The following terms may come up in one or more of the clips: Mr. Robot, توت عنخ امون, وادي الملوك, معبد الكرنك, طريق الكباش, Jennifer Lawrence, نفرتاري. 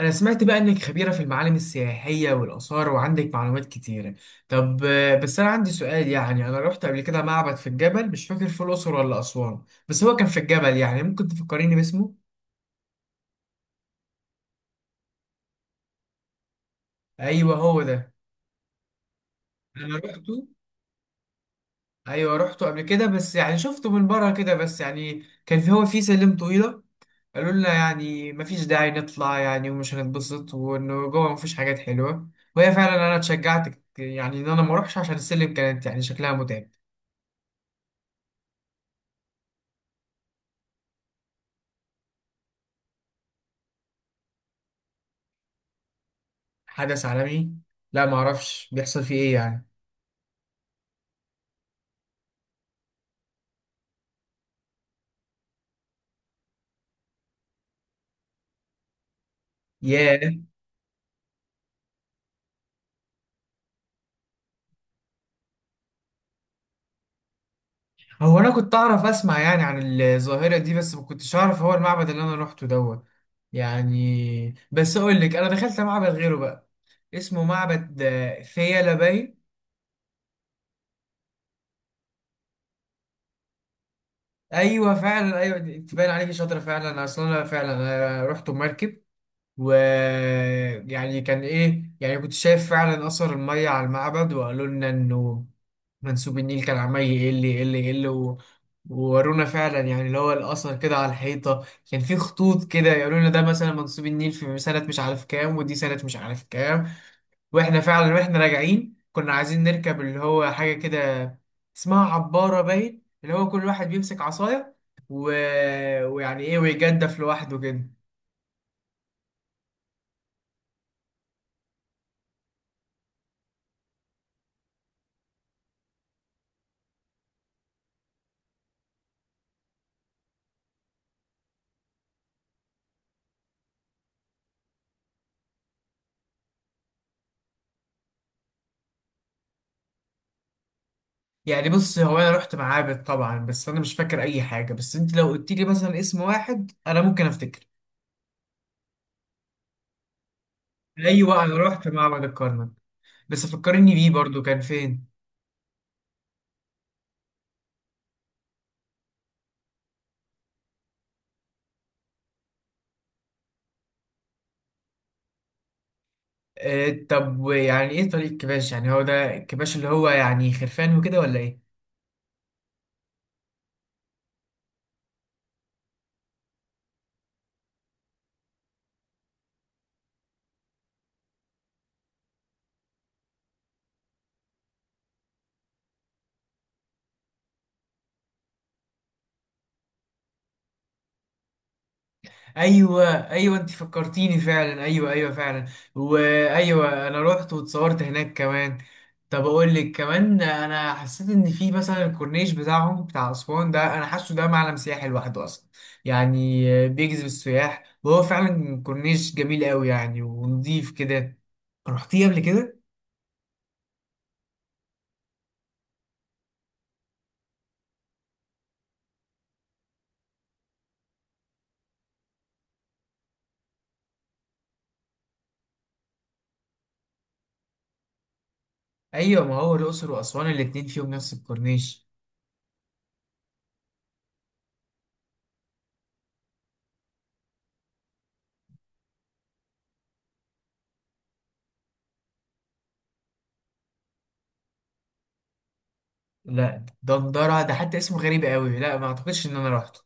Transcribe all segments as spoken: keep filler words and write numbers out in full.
أنا سمعت بقى إنك خبيرة في المعالم السياحية والآثار وعندك معلومات كتيرة. طب آه، بس أنا عندي سؤال، يعني أنا رحت قبل كده معبد في الجبل، مش فاكر في الأقصر ولا أسوان، بس هو كان في الجبل. يعني ممكن تفكريني باسمه؟ أيوه، هو ده. أنا رحته. أيوه رحته قبل كده، بس يعني شفته من بره كده بس، يعني كان في هو في سلم طويلة. قالوا لنا يعني مفيش داعي نطلع، يعني ومش هنتبسط، وانه جوه مفيش حاجات حلوه. وهي فعلا انا اتشجعت، يعني ان انا ما اروحش عشان السلم كانت يعني شكلها متعب. حدث عالمي؟ لا، معرفش بيحصل فيه ايه يعني. ياه. هو انا كنت اعرف اسمع يعني عن الظاهرة دي، بس ما كنتش اعرف هو المعبد اللي انا روحته دوت. يعني بس اقول لك، انا دخلت معبد غيره بقى، اسمه معبد آه، فيلة باين. ايوه فعلا، ايوه. تبان عليك شاطرة فعلا، اصلا انا فعلا أنا رحت بمركب. ويعني كان ايه، يعني كنت شايف فعلا اثر الميه على المعبد، وقالوا لنا انه منسوب النيل كان عمال يقل يقل يقل و... وورونا فعلا يعني اللي هو الاثر كده على الحيطه، كان في خطوط كده، يقولوا لنا ده مثلا منسوب النيل في سنه مش عارف كام، ودي سنه مش عارف كام. واحنا فعلا واحنا راجعين كنا عايزين نركب اللي هو حاجه كده اسمها عباره باين، اللي هو كل واحد بيمسك عصايه و... ويعني ايه، ويجدف لوحده كده. يعني بص، هو انا رحت معابد طبعا، بس انا مش فاكر اي حاجه، بس انت لو قلت لي مثلا اسم واحد انا ممكن افتكر. ايوه، انا رحت معبد الكرنك، بس فكرني بيه برضو كان فين. آه، طب يعني ايه طريق كباش؟ يعني هو ده الكباش اللي هو يعني خرفان وكده، ولا ايه؟ ايوه، ايوه، انت فكرتيني فعلا، ايوه، ايوه فعلا. وايوه، انا رحت واتصورت هناك كمان. طب اقول لك كمان، انا حسيت ان في مثلا الكورنيش بتاعهم بتاع اسوان ده، انا حاسه ده معلم سياحي لوحده اصلا، يعني بيجذب السياح، وهو فعلا كورنيش جميل قوي يعني، ونضيف كده. رحتيه قبل كده؟ ايوه، ما هو الاقصر واسوان الاتنين فيهم نفس الكورنيش. لا، ده ندرة، ده حتى اسمه غريب قوي، لا، ما اعتقدش ان انا رحته.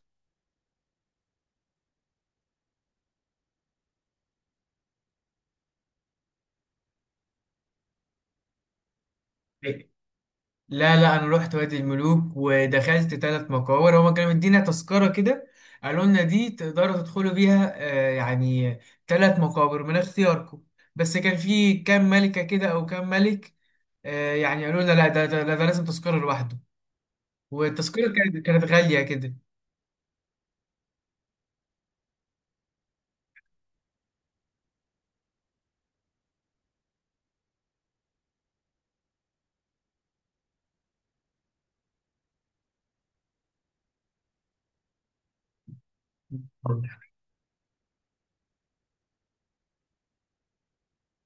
لا، لا، انا رحت وادي الملوك ودخلت ثلاث مقابر، هما كانوا مدينا تذكره كده، قالوا لنا دي تقدروا تدخلوا بيها، آه، يعني ثلاث مقابر من اختياركم. بس كان في كام ملكه كده او كام ملك، آه، يعني قالوا لنا لا، ده، ده، ده ده لازم تذكره لوحده، والتذكره كانت كانت غاليه كده.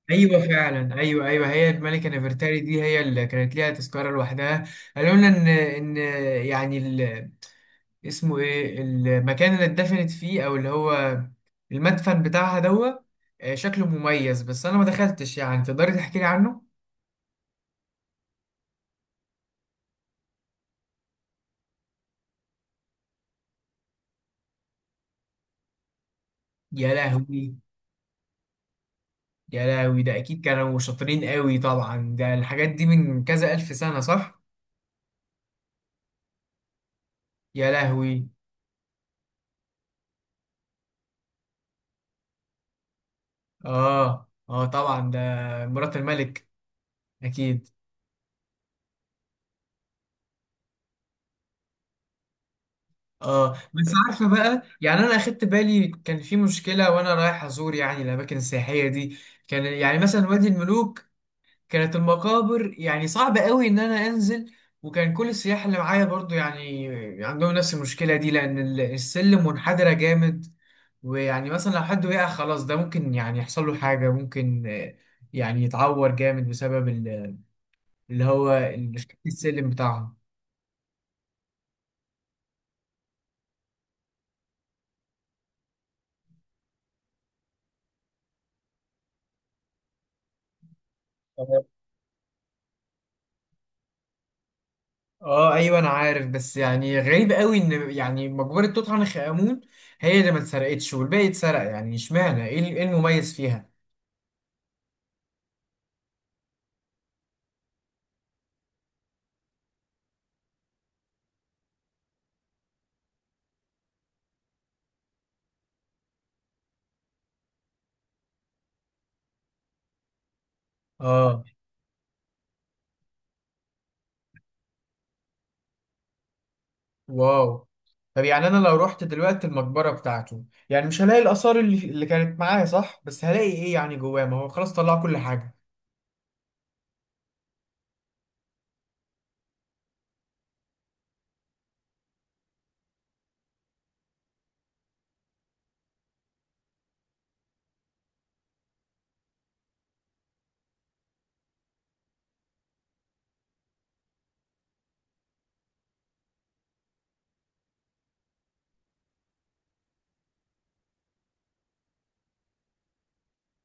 ايوه فعلا، ايوه، ايوه، هي الملكه نفرتاري دي هي اللي كانت ليها تذكره لوحدها. قالوا لنا ان، ان، يعني، اسمه ايه المكان اللي اتدفنت فيه، او اللي هو المدفن بتاعها دوا. آه، شكله مميز، بس انا ما دخلتش، يعني تقدري تحكي لي عنه. يا لهوي. يا لهوي، ده اكيد كانوا شاطرين قوي طبعا، ده الحاجات دي من كذا الف سنة، صح؟ يا لهوي. اه، اه، طبعا ده مرات الملك، اكيد. اه، بس عارفه بقى، يعني انا اخدت بالي كان في مشكله وانا رايح ازور يعني الاماكن السياحيه دي. كان يعني مثلا وادي الملوك، كانت المقابر يعني صعب قوي ان انا انزل، وكان كل السياح اللي معايا برضو يعني عندهم نفس المشكلة دي، لان ال- السلم منحدرة جامد، ويعني مثلا لو حد وقع خلاص ده ممكن يعني يحصل له حاجة، ممكن آه، يعني يتعور جامد بسبب ال- اللي هو ال- شكل السلم بتاعهم. تمام. اه ايوه، انا عارف، بس يعني غريب قوي ان يعني مقبرة توت عنخ امون هي اللي ما اتسرقتش والباقي اتسرق، يعني اشمعنى، ايه ال- إيه المميز فيها؟ اه. واو. طب يعني انا لو رحت دلوقتي المقبره بتاعته، يعني مش هلاقي الاثار اللي اللي كانت معايا، صح؟ بس هلاقي ايه يعني جواه؟ ما هو خلاص طلع كل حاجه.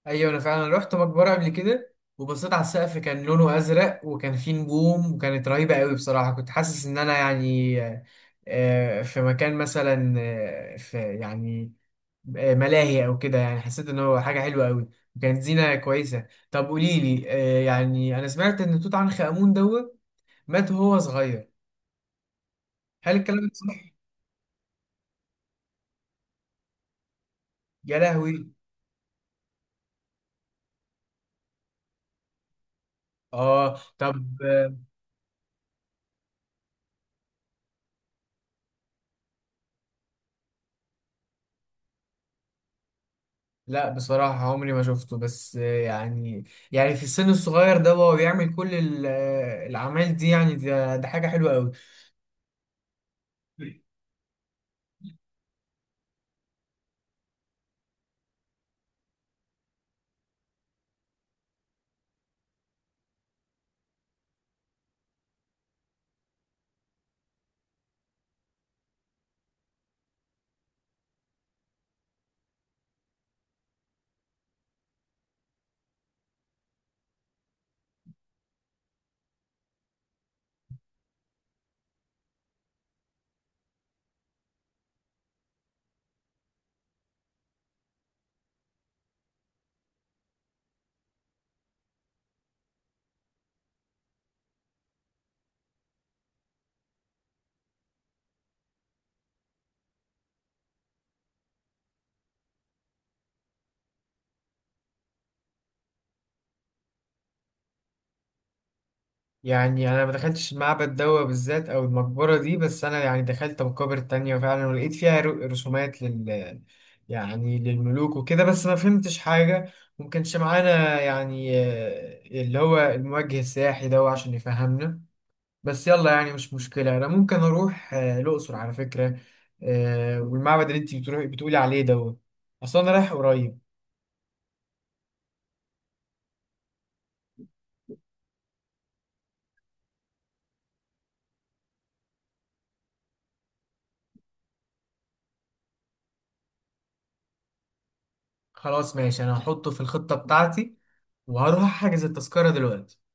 ايوه، انا فعلا رحت مقبره قبل كده وبصيت على السقف، كان لونه ازرق وكان فيه نجوم وكانت رهيبه قوي بصراحه، كنت حاسس ان انا يعني آه، في مكان مثلا، آه، في يعني آه، ملاهي او كده، يعني حسيت ان هو حاجه حلوه قوي وكانت زينه كويسه. طب قولي لي، آه، يعني انا سمعت ان توت عنخ امون دوت مات وهو صغير، هل الكلام ده صح؟ يا لهوي. اه، طب آه، لا بصراحة عمري ما شفته، بس آه، يعني، يعني في السن الصغير ده وهو بيعمل كل ال- آه، الأعمال دي، يعني ده, ده حاجة حلوة قوي. يعني أنا ما دخلتش المعبد ده بالذات أو المقبرة دي، بس أنا يعني دخلت مقابر تانية فعلا ولقيت فيها ر- رسومات لل يعني للملوك وكده، بس ما فهمتش حاجة، ممكنش معانا يعني آه، اللي هو الموجه السياحي ده عشان يفهمنا. بس يلا، يعني مش مشكلة، أنا ممكن أروح آه، الأقصر على فكرة، آه، والمعبد اللي أنت بتروحي بتقولي عليه دوت أصلا أنا رايح قريب. خلاص ماشي، أنا هحطه في الخطة بتاعتي وهروح أحجز التذكرة دلوقتي.